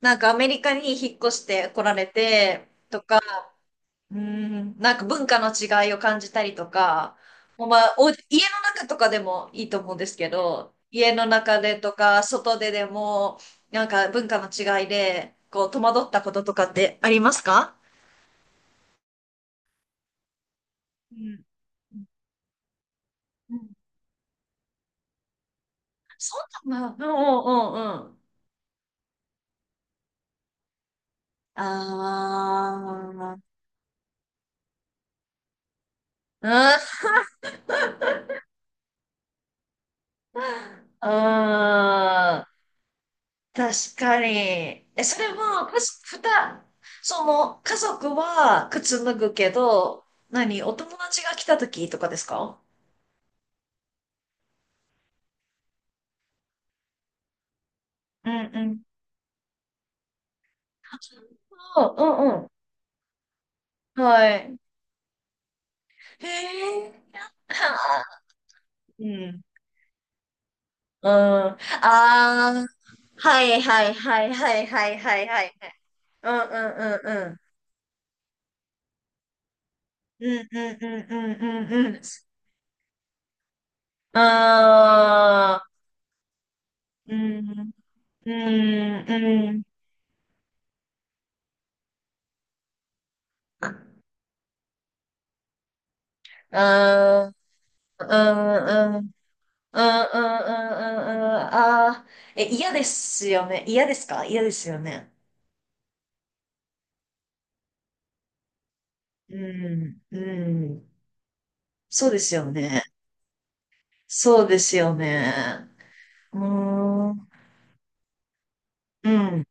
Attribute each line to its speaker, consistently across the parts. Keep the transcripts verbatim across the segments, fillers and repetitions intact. Speaker 1: なんかアメリカに引っ越して来られてとか、うん、なんか文化の違いを感じたりとか、もうまあ、お、家の中とかでもいいと思うんですけど、家の中でとか、外ででも、なんか文化の違いで、こう、戸惑ったこととかってありますか？うん。うん。そうなんだ。うんうんうんうん。ああ、うん。うん。確かに。え、それは、かし、ふた、その、家族は靴脱ぐけど、何、お友達が来た時とかですか？うんうん。あうんうん。はい。へえ。はあうん。うん。ああ。はいはいはいはいはいはいはい。うんうんうんうん。うんうんうんうんうんうん。ああ。うん。うんうん。ああ。うんうんうんうんうんうんうんうんああー、え、嫌ですよね。嫌ですか？嫌ですよね。うん、うん。そうですよね。そうですよね。うーん、うん。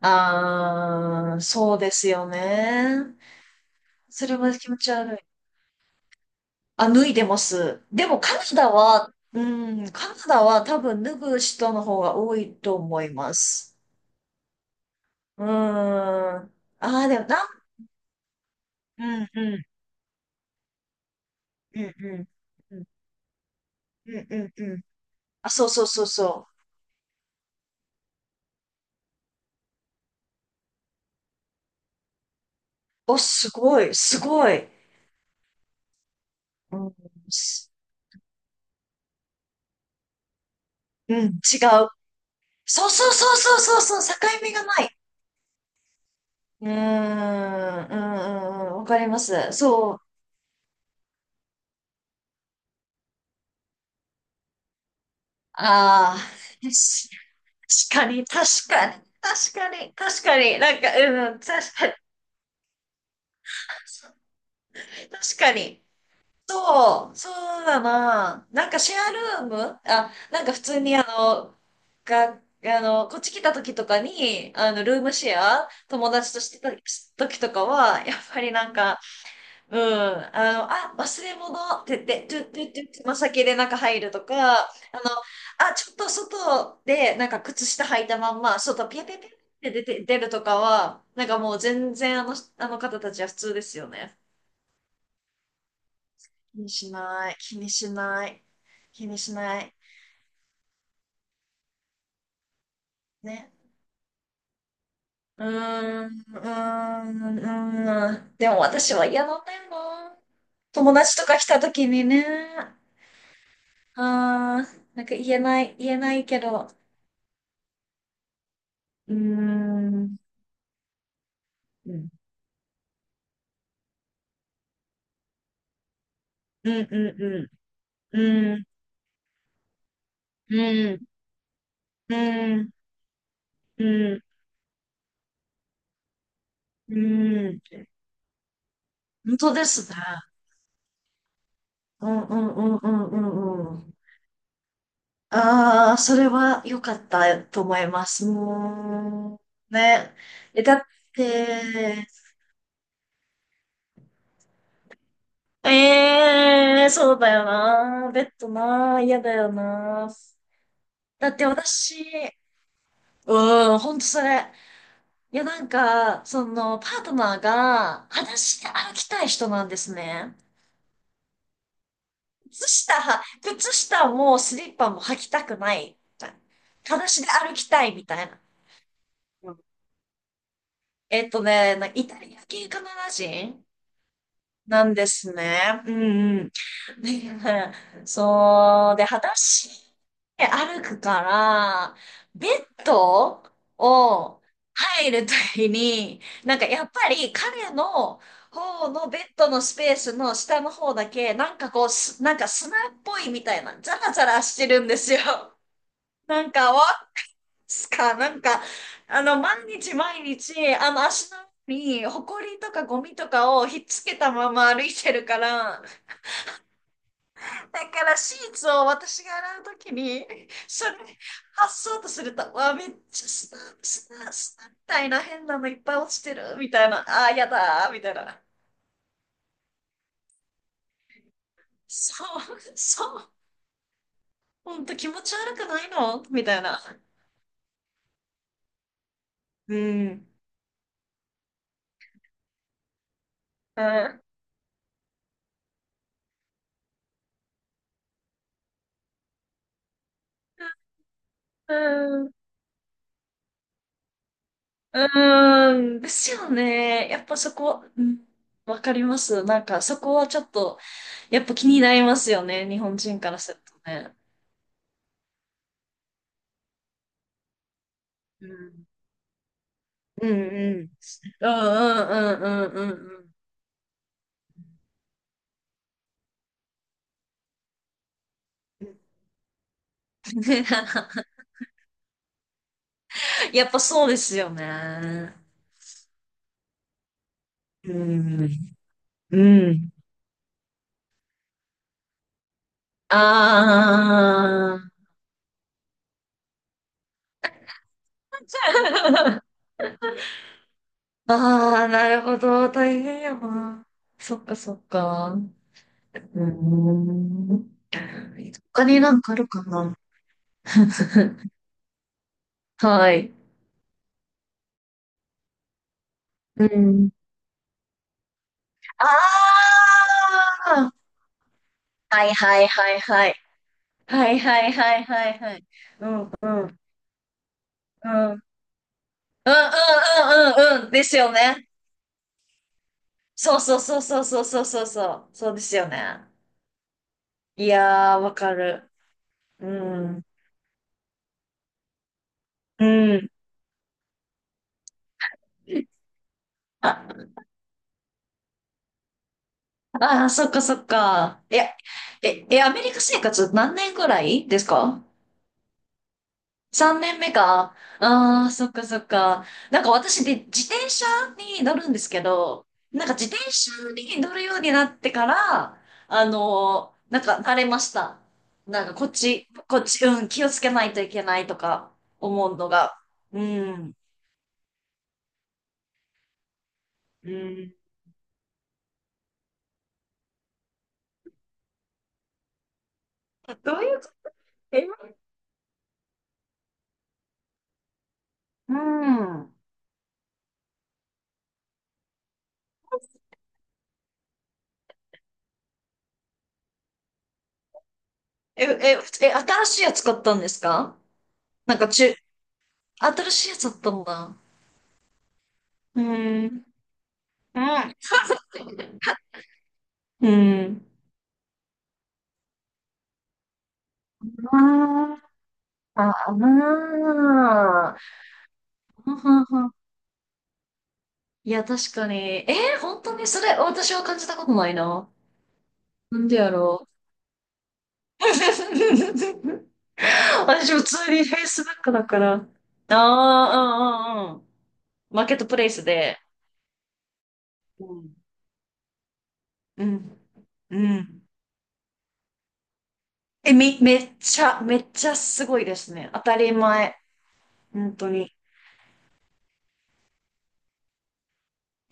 Speaker 1: ああ、そうですよね。それは気持ち悪い。あ、脱いでます。でもカナダは、うん、カナダは多分脱ぐ人の方が多いと思います。うーん。ああ、でもな、うんうん。うんうん。うんうんうんうん。あ、そうそうそうそう。お、すごい、すごい。うん、すうん違う。そうそうそうそうそうそう、境目がない。うーん、うん、うん、うんわかります。そう。ああ、し確かに、確かに、確かに、確かに、なんか、うん、確かに、確かに。そう、そうだな。なんかシェアルームあ、なんか普通にあの、が、あの、こっち来た時とかに、あの、ルームシェア、友達としてた時とかは、やっぱりなんか、うん、あの、あ、忘れ物って言って、トゥットゥットゥッつま先でなんか入るとか、あの、あ、ちょっと外で、なんか靴下履いたまんま、外ピャピャピャって出て、出るとかは、なんかもう全然あの、あの方たちは普通ですよね。気にしない、気にしない、気にしない。ね。うーん、うーん、うーん。でも私は嫌なんだよな。友達とか来た時にね。ああ、なんか言えない、言えないけど。うーん、うん、うん、うん、うん、うん、うん、うん、うん。本当ですね。うん、うん、うん、うん、うん、うん。ああ、それは良かったと思います。もう、ね。え、だって、ええそうだよな。ベッドな。嫌だよな。だって私、うん、ほんとそれ。いや、なんか、その、パートナーが、裸足で歩きたい人なんですね。靴下靴下もスリッパも履きたくない。裸足で歩きたいみたいな。えっとね、なんかイタリア系カナダ人なんですね。うんうん。でそう。で、裸足で歩くから、ベッドを入るときに、なんかやっぱり彼の方のベッドのスペースの下の方だけ、なんかこう、すなんか砂っぽいみたいな、ザラザラしてるんですよ。なんか、わすか、なんか、あの、毎日毎日、あの、足の裏に、ほこりとかゴミとかをひっつけたまま歩いてるから、だからシーツを私が洗うときに、それ、発そうとすると、わ、めっちゃスナ、スナ、スナみたいな変なのいっぱい落ちてる、みたいな、あー、やだー、みたいな。そう、そう、ほんと気持ち悪くないのみたいな。うん。うん。うんうーん、ですよね。やっぱそこ、うん、わかります。なんかそこはちょっと、やっぱ気になりますよね。日本人からするとね。うん。うんうんうんうんうんうんうんうん。やっぱそうですよね。うん。うん。ああー。ああ、なるほど。大変やな。そっかそっか。うーん。他になんかあるかな。はい。うん。ああはいはいはいはい。はいはいはいはいはい。うんうんうん。うんうんうんうんうん。ですよね。そうそうそうそうそうそうそうそう。そうですよね。いやー、わかる。うん。うん。あ、あー、そっかそっか。いや、え、え、アメリカ生活何年ぐらいですか？さんねんめか。ああ、そっかそっか。なんか私で自転車に乗るんですけど、なんか自転車に乗るようになってから、あのーなんか慣れました。なんかこっち、こっち、うん、気をつけないといけないとか思うのが。うん。うん。どういうこと？えうん。え、え、え、新しいやつ買ったんですか？なんか中、新しいやつだったんだ。うん。うん。うん。あーああー、ふはは、いや、確かに。えー、本当にそれ、私は感じたことないな。なんでやろう。私、普通に Facebook だから。ああ、うんうんうん。マーケットプレイスで。うん。うん。うん。え、め、めっちゃ、めっちゃすごいですね。当たり前。本当に。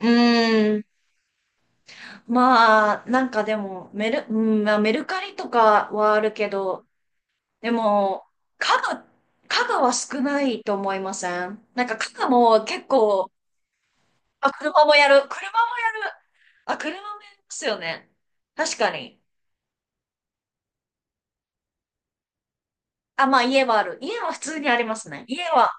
Speaker 1: うーん。まあ、なんかでも、メル、うん、まあ、メルカリとかはあるけど、でも、家具、家具は少ないと思いません？なんか家具も結構、あ、車もやる、車もやる、あ、車もやりますよね。確かに。あ、まあ家はある。家は普通にありますね。家は、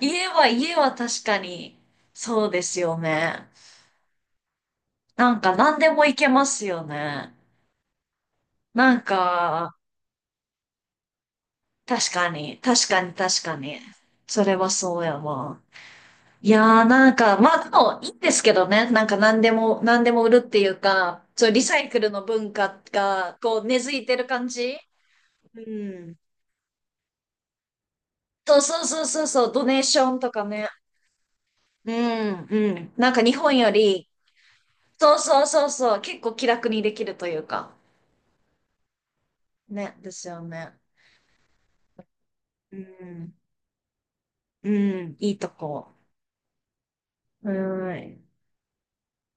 Speaker 1: 家は、家は確かに、そうですよね。なんか何でもいけますよね。なんか、確かに、確かに、確かに。それはそうやわ。いやーなんか、まあでもいいんですけどね。なんか何でも、何でも売るっていうか、そう、リサイクルの文化が、こう、根付いてる感じ。うん。そうそうそうそうそう、ドネーションとかね。うん、うん。なんか日本より、そうそうそうそう、結構気楽にできるというか。ね、ですよね。うん、うん、いいとこ。うん。